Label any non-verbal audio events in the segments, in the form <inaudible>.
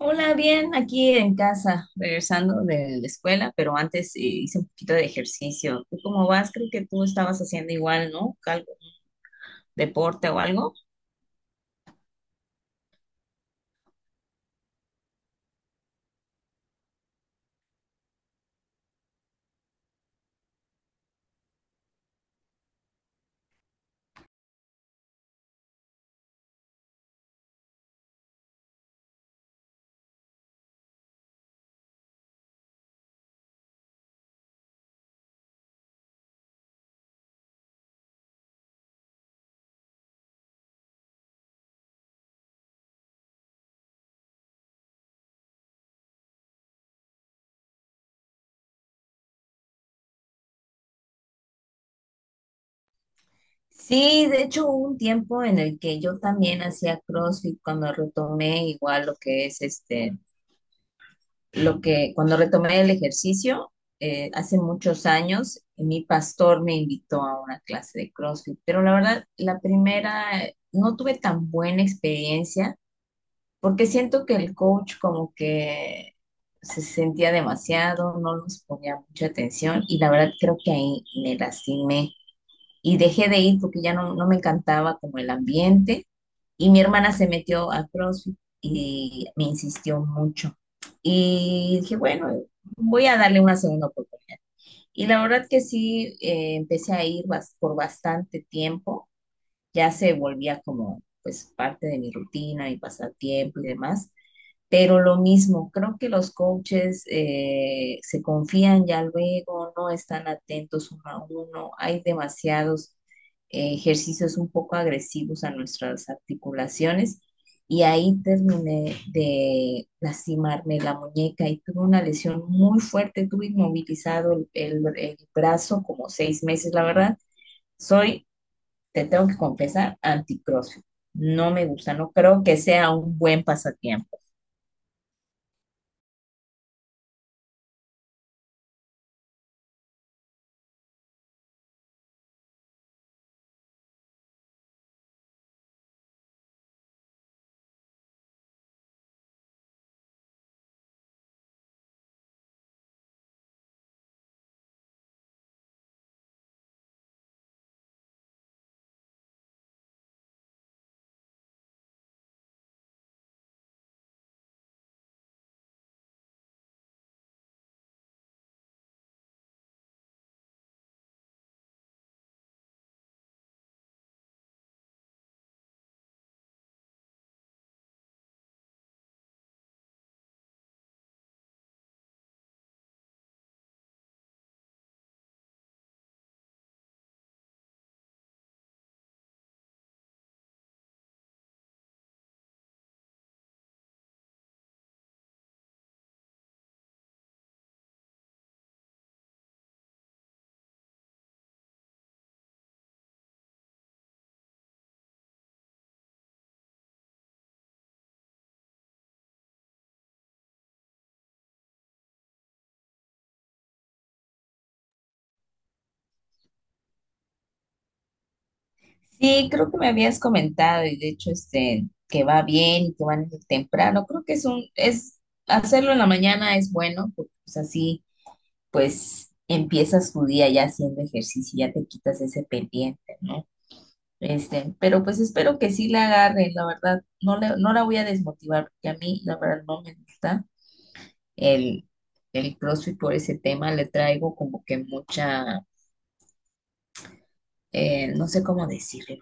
Hola, bien, aquí en casa, regresando de la escuela, pero antes hice un poquito de ejercicio. ¿Tú cómo vas? Creo que tú estabas haciendo igual, ¿no? Algo, deporte o algo. Sí, de hecho hubo un tiempo en el que yo también hacía CrossFit cuando retomé igual lo que es este, lo que cuando retomé el ejercicio, hace muchos años, mi pastor me invitó a una clase de CrossFit, pero la verdad, la primera, no tuve tan buena experiencia porque siento que el coach como que se sentía demasiado, no nos ponía mucha atención y la verdad creo que ahí me lastimé y dejé de ir porque ya no me encantaba como el ambiente, y mi hermana se metió a CrossFit y me insistió mucho y dije, bueno, voy a darle una segunda oportunidad. Y la verdad que sí, empecé a ir por bastante tiempo, ya se volvía como pues parte de mi rutina, mi pasatiempo y demás. Pero lo mismo, creo que los coaches, se confían ya luego, no están atentos uno a uno, hay demasiados ejercicios un poco agresivos a nuestras articulaciones, y ahí terminé de lastimarme la muñeca y tuve una lesión muy fuerte, tuve inmovilizado el brazo como 6 meses, la verdad. Soy, te tengo que confesar, anti-CrossFit. No me gusta, no creo que sea un buen pasatiempo. Sí, creo que me habías comentado, y de hecho que va bien y que van desde temprano. Creo que es un es hacerlo en la mañana es bueno, porque pues así pues empiezas tu día ya haciendo ejercicio y ya te quitas ese pendiente, ¿no? Pero pues espero que sí la agarre, la verdad, no le, no la voy a desmotivar, porque a mí la verdad no me gusta el el CrossFit por ese tema. Le traigo como que mucha, no sé cómo decirlo.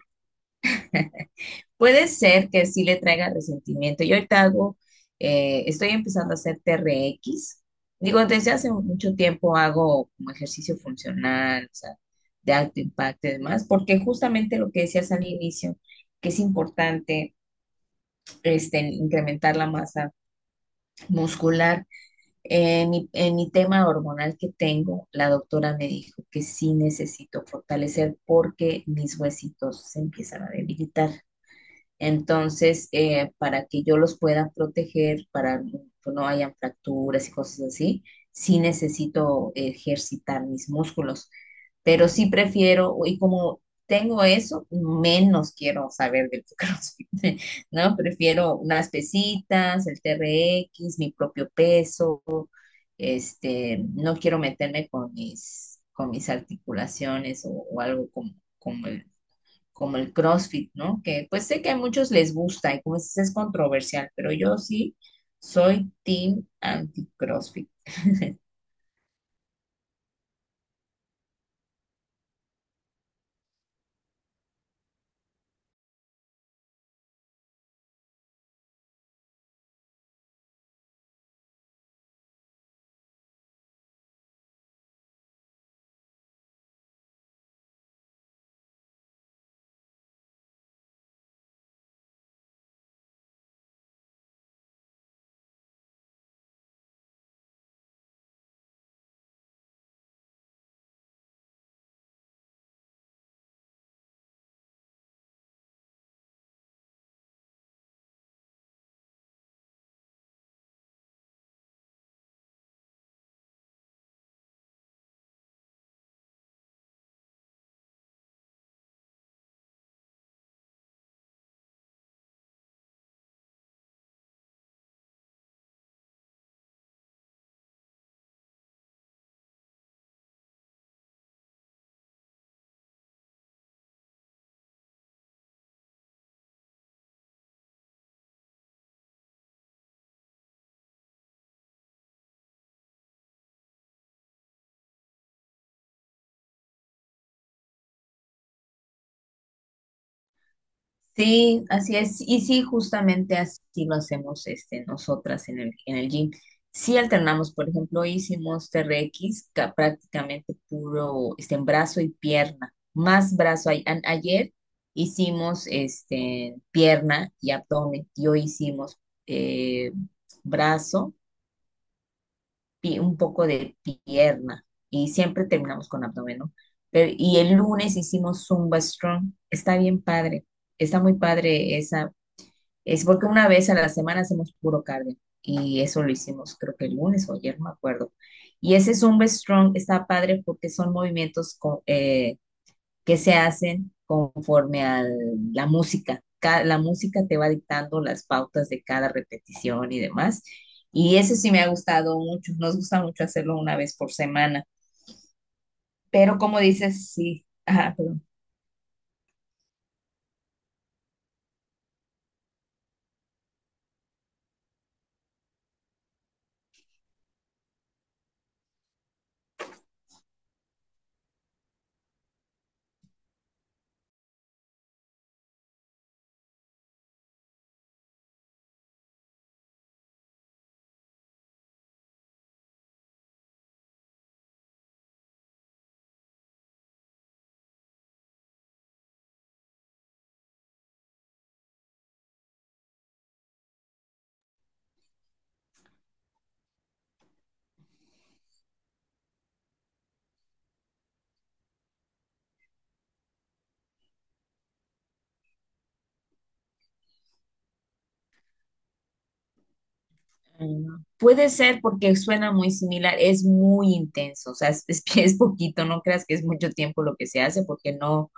Puede ser que sí le traiga resentimiento. Yo ahorita estoy empezando a hacer TRX. Digo, desde hace mucho tiempo hago como ejercicio funcional, o sea, de alto impacto y demás, porque justamente lo que decías al inicio, que es importante, incrementar la masa muscular. En mi tema hormonal que tengo, la doctora me dijo que sí necesito fortalecer porque mis huesitos se empiezan a debilitar. Entonces, para que yo los pueda proteger, para que no hayan fracturas y cosas así, sí necesito ejercitar mis músculos. Pero sí prefiero, y como tengo eso, menos quiero saber del <laughs> CrossFit, ¿no? Prefiero unas pesitas, el TRX, mi propio peso. No quiero meterme con mis articulaciones, o algo como el como el CrossFit, ¿no? Que pues sé que a muchos les gusta y, como dices, es controversial, pero yo sí soy team anti-CrossFit. Sí, así es. Y sí, justamente así lo hacemos, nosotras en el gym. Sí alternamos, por ejemplo, hicimos TRX, prácticamente puro, en brazo y pierna, más brazo. Ayer hicimos, pierna y abdomen, y hoy hicimos, eh, brazo, un poco de pierna, y siempre terminamos con abdomen, ¿no? Pero, y el lunes hicimos Zumba Strong. Está bien padre, está muy padre esa. Es porque una vez a la semana hacemos puro cardio, y eso lo hicimos creo que el lunes o ayer, no me acuerdo. Y ese Zumba Strong está padre porque son movimientos que se hacen conforme a la música. La música te va dictando las pautas de cada repetición y demás. Y eso sí me ha gustado mucho. Nos gusta mucho hacerlo una vez por semana. Pero como dices, sí. Ajá, perdón. Puede ser, porque suena muy similar, es muy intenso, o sea, es, que <laughs> es poquito, no creas que es mucho tiempo lo que se hace, porque no,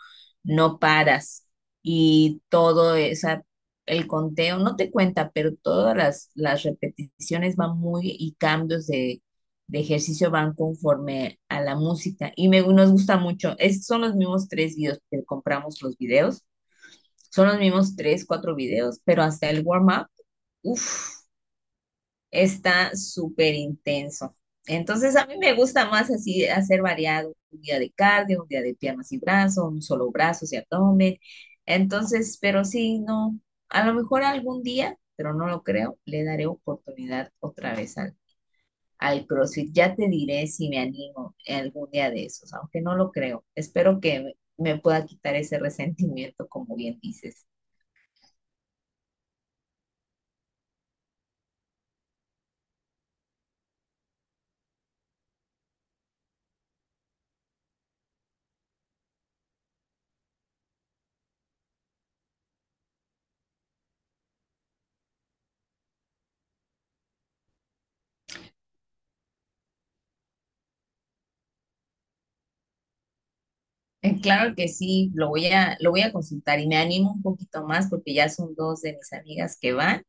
no paras, y todo, esa, el conteo no te cuenta, pero todas las repeticiones van muy, y cambios de ejercicio, van conforme a la música, y me, nos gusta mucho. Es, son los mismos tres videos, que compramos los videos, son los mismos tres, cuatro videos, pero hasta el warm-up, uff, está súper intenso. Entonces a mí me gusta más así hacer variado: un día de cardio, un día de piernas y brazos, un solo brazo y abdomen. Entonces, pero sí, no, a lo mejor algún día, pero no lo creo, le daré oportunidad otra vez al CrossFit. Ya te diré si me animo algún día de esos, aunque no lo creo. Espero que me pueda quitar ese resentimiento, como bien dices. Claro que sí, lo voy a consultar y me animo un poquito más, porque ya son dos de mis amigas que van,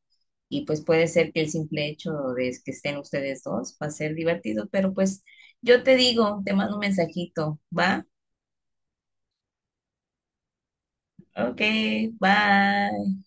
y pues puede ser que el simple hecho de que estén ustedes dos va a ser divertido, pero pues yo te digo, te mando un mensajito, ¿va? Ok, bye.